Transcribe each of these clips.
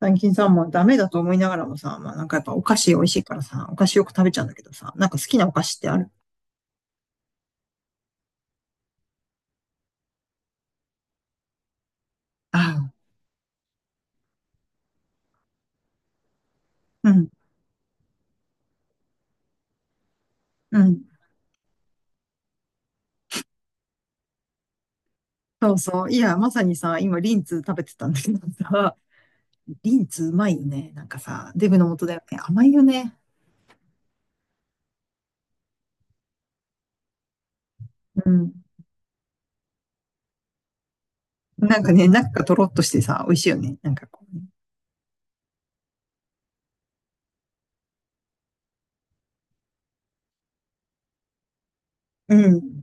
最近さ、まあダメだと思いながらもさ、まあなんかやっぱお菓子美味しいからさ、お菓子よく食べちゃうんだけどさ、なんか好きなお菓子ってある？ああうん、うん。そうそう。いや、まさにさ、今リンツ食べてたんだけどさ、リンツうまいよね。なんかさ、デブの元だよね。甘いよね。うん。なんかね、中がとろっとしてさ、美味しいよね。なんかこうね。うん。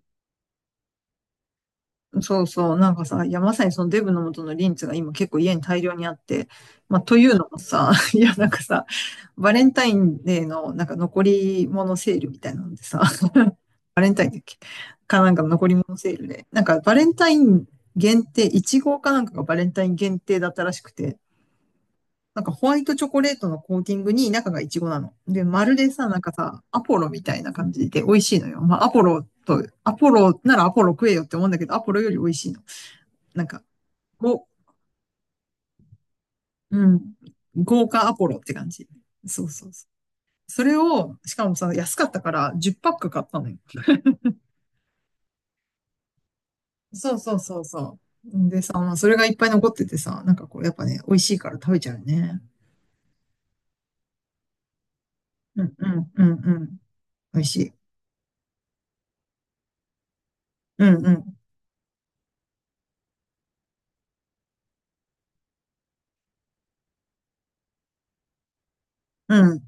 そうそう、なんかさ、いや、まさにそのデブの元のリンツが今結構家に大量にあって、まあ、というのもさ、いや、なんかさ、バレンタインデーのなんか残り物セールみたいなのでさ、バレンタインだっけかなんかの残り物セールで、なんかバレンタイン限定、イチゴかなんかがバレンタイン限定だったらしくて、なんかホワイトチョコレートのコーティングに中がイチゴなの。で、まるでさ、なんかさ、アポロみたいな感じで美味しいのよ。まあ、アポロと、アポロならアポロ食えよって思うんだけど、アポロより美味しいの。なんか、ご、うん。豪華アポロって感じ。そうそうそう。それを、しかもさ、安かったから10パック買ったのよ。そうそうそうそう。でさ、まあ、それがいっぱい残っててさ、なんかこう、やっぱね、美味しいから食べちゃうよね。うんうんうんうん。美味しい。うんうん。うん。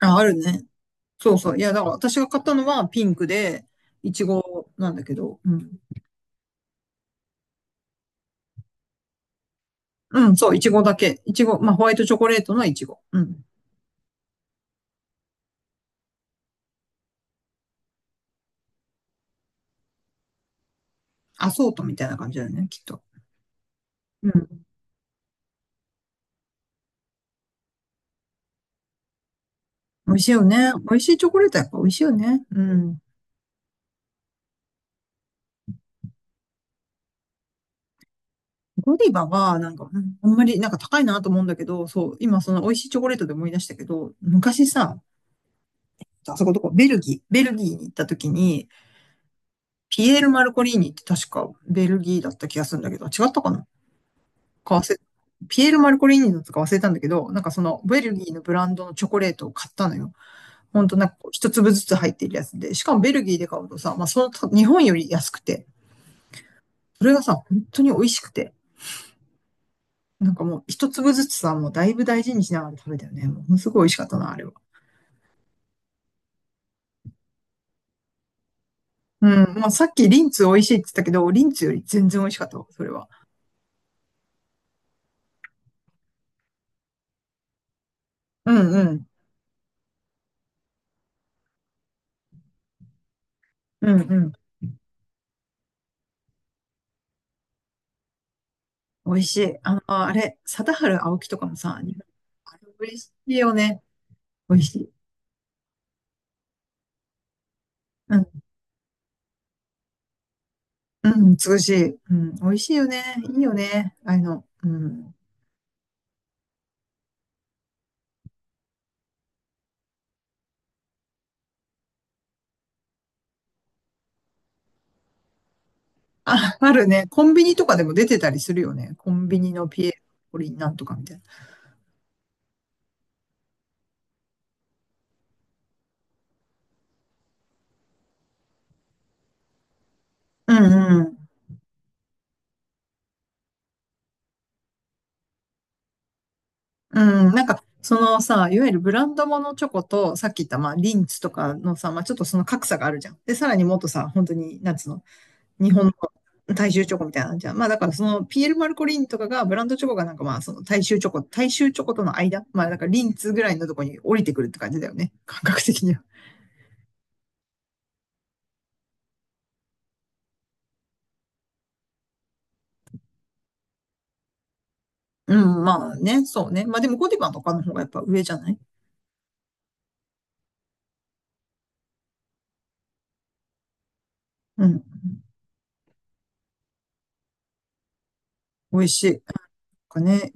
あ、あるね。そうそう。いや、だから私が買ったのはピンクで、いちごなんだけど、うん。うん、そう、いちごだけ。いちご、まあ、ホワイトチョコレートのいちご。うん。アソートみたいな感じだよね、きっと。うん。美味しいよね。美味しいチョコレートやっぱ美味しいよね。うん。ゴディバは、なんか、うんあんまり、なんか高いなと思うんだけど、そう、今その美味しいチョコレートで思い出したけど、昔さ、あそこどこ、ベルギー、ベルギーに行った時に、ピエール・マルコリーニって確かベルギーだった気がするんだけど、違ったかな、か忘れ、ピエール・マルコリーニだったか忘れたんだけど、なんかそのベルギーのブランドのチョコレートを買ったのよ。ほんとなんかこう一粒ずつ入ってるやつで、しかもベルギーで買うとさ、まあその日本より安くて、それがさ、本当に美味しくて、なんかもう一粒ずつさ、もうだいぶ大事にしながら食べたよね。もうすごい美味しかったな、あれは。うん。まあさっきリンツ美味しいって言ったけど、リンツより全然美味しかったわ、それは。うんうん。うんうん。美味しい。あの、あれ、貞治青木とかもさ、日本あれ美味しいよね。美味しい。うん。うん、美しい。うん。美味しいよね。いいよね。ああいうの。うん。あ、あるね。コンビニとかでも出てたりするよね。コンビニのピエロリンなんとかみたいな。うんうん、なんか、そのさ、いわゆるブランドものチョコと、さっき言った、まあ、リンツとかのさ、まあ、ちょっとその格差があるじゃん。で、さらにもっとさ、本当に、なんつうの、日本の大衆チョコみたいなのじゃん。まあ、だからその、ピエール・マルコリンとかが、ブランドチョコがなんかまあ、その大衆チョコ、大衆チョコとの間、まあ、だからリンツぐらいのとこに降りてくるって感じだよね。感覚的には。うん、まあね、そうね。まあでも、ゴディバとかの方がやっぱ上じゃない？うん、美味しい。なんかね、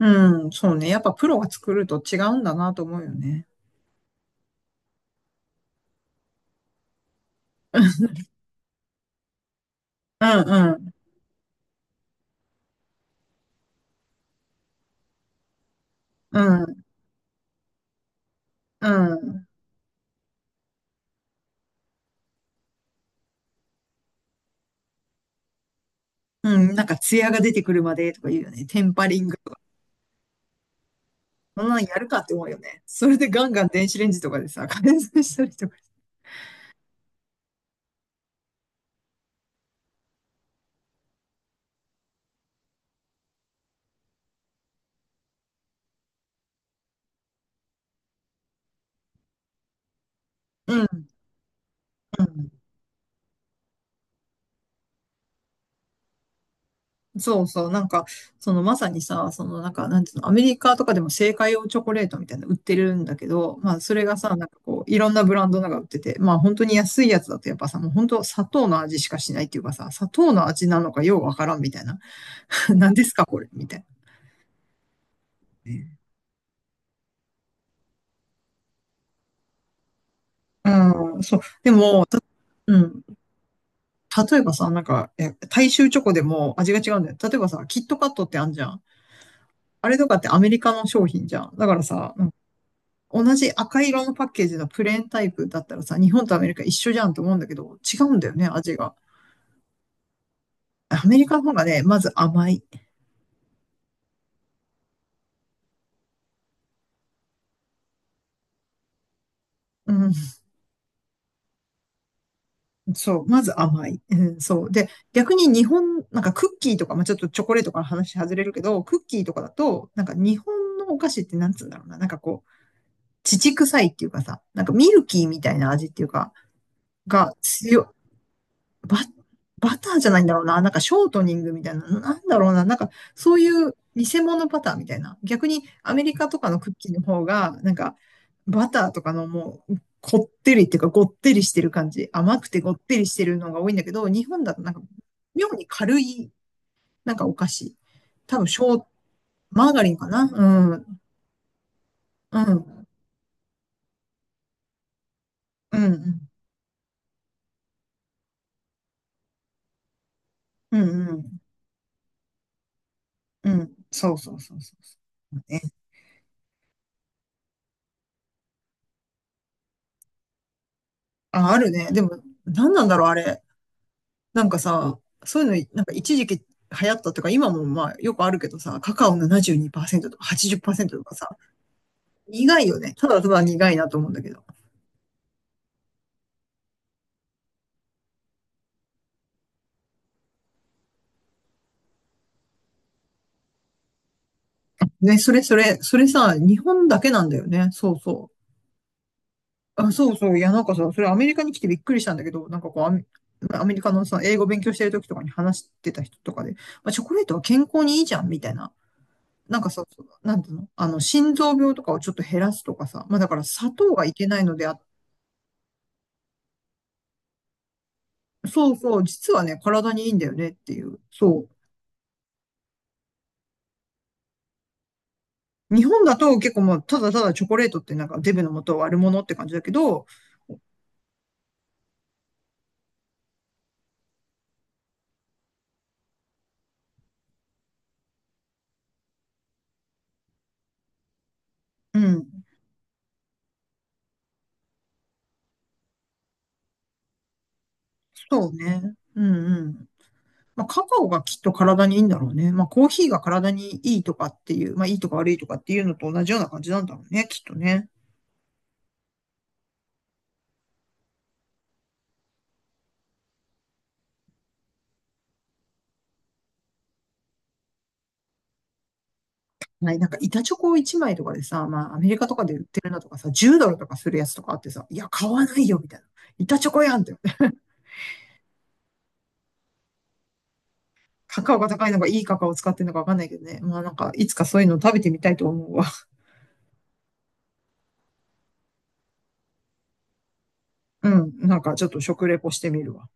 うん、そうね。やっぱプロが作ると違うんだなと思うよね。うんうん。うん。うん。なんか、艶が出てくるまでとか言うよね。テンパリング。そんなのやるかって思うよね。それでガンガン電子レンジとかでさ、加熱したりとか。うん。うん。そうそう。なんか、そのまさにさ、そのなんか、なんていうの、アメリカとかでも製菓用チョコレートみたいなの売ってるんだけど、まあ、それがさ、なんかこう、いろんなブランドなんか売ってて、まあ、本当に安いやつだとやっぱさ、もう本当砂糖の味しかしないっていうかさ、砂糖の味なのかようわからんみたいな。何ですかこれみたいな。うん、そう。でも、うん。例えばさ、なんか、大衆チョコでも味が違うんだよ。例えばさ、キットカットってあんじゃん。あれとかってアメリカの商品じゃん。だからさ、うん、同じ赤色のパッケージのプレーンタイプだったらさ、日本とアメリカ一緒じゃんと思うんだけど、違うんだよね、味が。アメリカの方がね、まず甘い。うん、そう、まず甘い。うん、そう。で、逆に日本、なんかクッキーとか、まあ、ちょっとチョコレートから話外れるけど、クッキーとかだと、なんか日本のお菓子ってなんつうんだろうな。なんかこう、乳臭いっていうかさ、なんかミルキーみたいな味っていうか、が強い、バ、バターじゃないんだろうな。なんかショートニングみたいな、なんだろうな。なんかそういう偽物バターみたいな。逆にアメリカとかのクッキーの方が、なんかバターとかのもう、こってりっていうか、ごってりしてる感じ。甘くてごってりしてるのが多いんだけど、日本だとなんか、妙に軽い、なんかお菓子。多分、ショー、マーガリンかな。うん、うん、うん、うん、うん、うん、うん。そうそうそうそうそう。ね。あ、あるね。でも、何なんだろう、あれ。なんかさ、そういうの、なんか一時期流行ったとか、今もまあよくあるけどさ、カカオ72%とか80%とかさ、苦いよね。ただただ苦いなと思うんだけど。ね、それそれ、それさ、日本だけなんだよね。そうそう。あ、そうそう。いや、なんかさ、それアメリカに来てびっくりしたんだけど、なんかこう、アメリカのさ、英語勉強してる時とかに話してた人とかで、まあ、チョコレートは健康にいいじゃん、みたいな。なんかさ、そうなんていうのあの、心臓病とかをちょっと減らすとかさ、まあだから砂糖がいけないのであっ、そうそう、実はね、体にいいんだよねっていう。そう。日本だと結構もう、ただただチョコレートってなんかデブの元を悪者って感じだけど、うん、そうね。うんうん。まあ、カカオがきっと体にいいんだろうね。まあ、コーヒーが体にいいとかっていう、まあ、いいとか悪いとかっていうのと同じような感じなんだろうね、きっとね。はい、なんか板チョコ1枚とかでさ、まあ、アメリカとかで売ってるのとかさ、10ドルとかするやつとかあってさ、いや、買わないよ、みたいな。板チョコやんって。カカオが高いのがいいカカオを使ってるのかわかんないけどね。まあなんか、いつかそういうの食べてみたいと思うわ。うん。なんかちょっと食レポしてみるわ。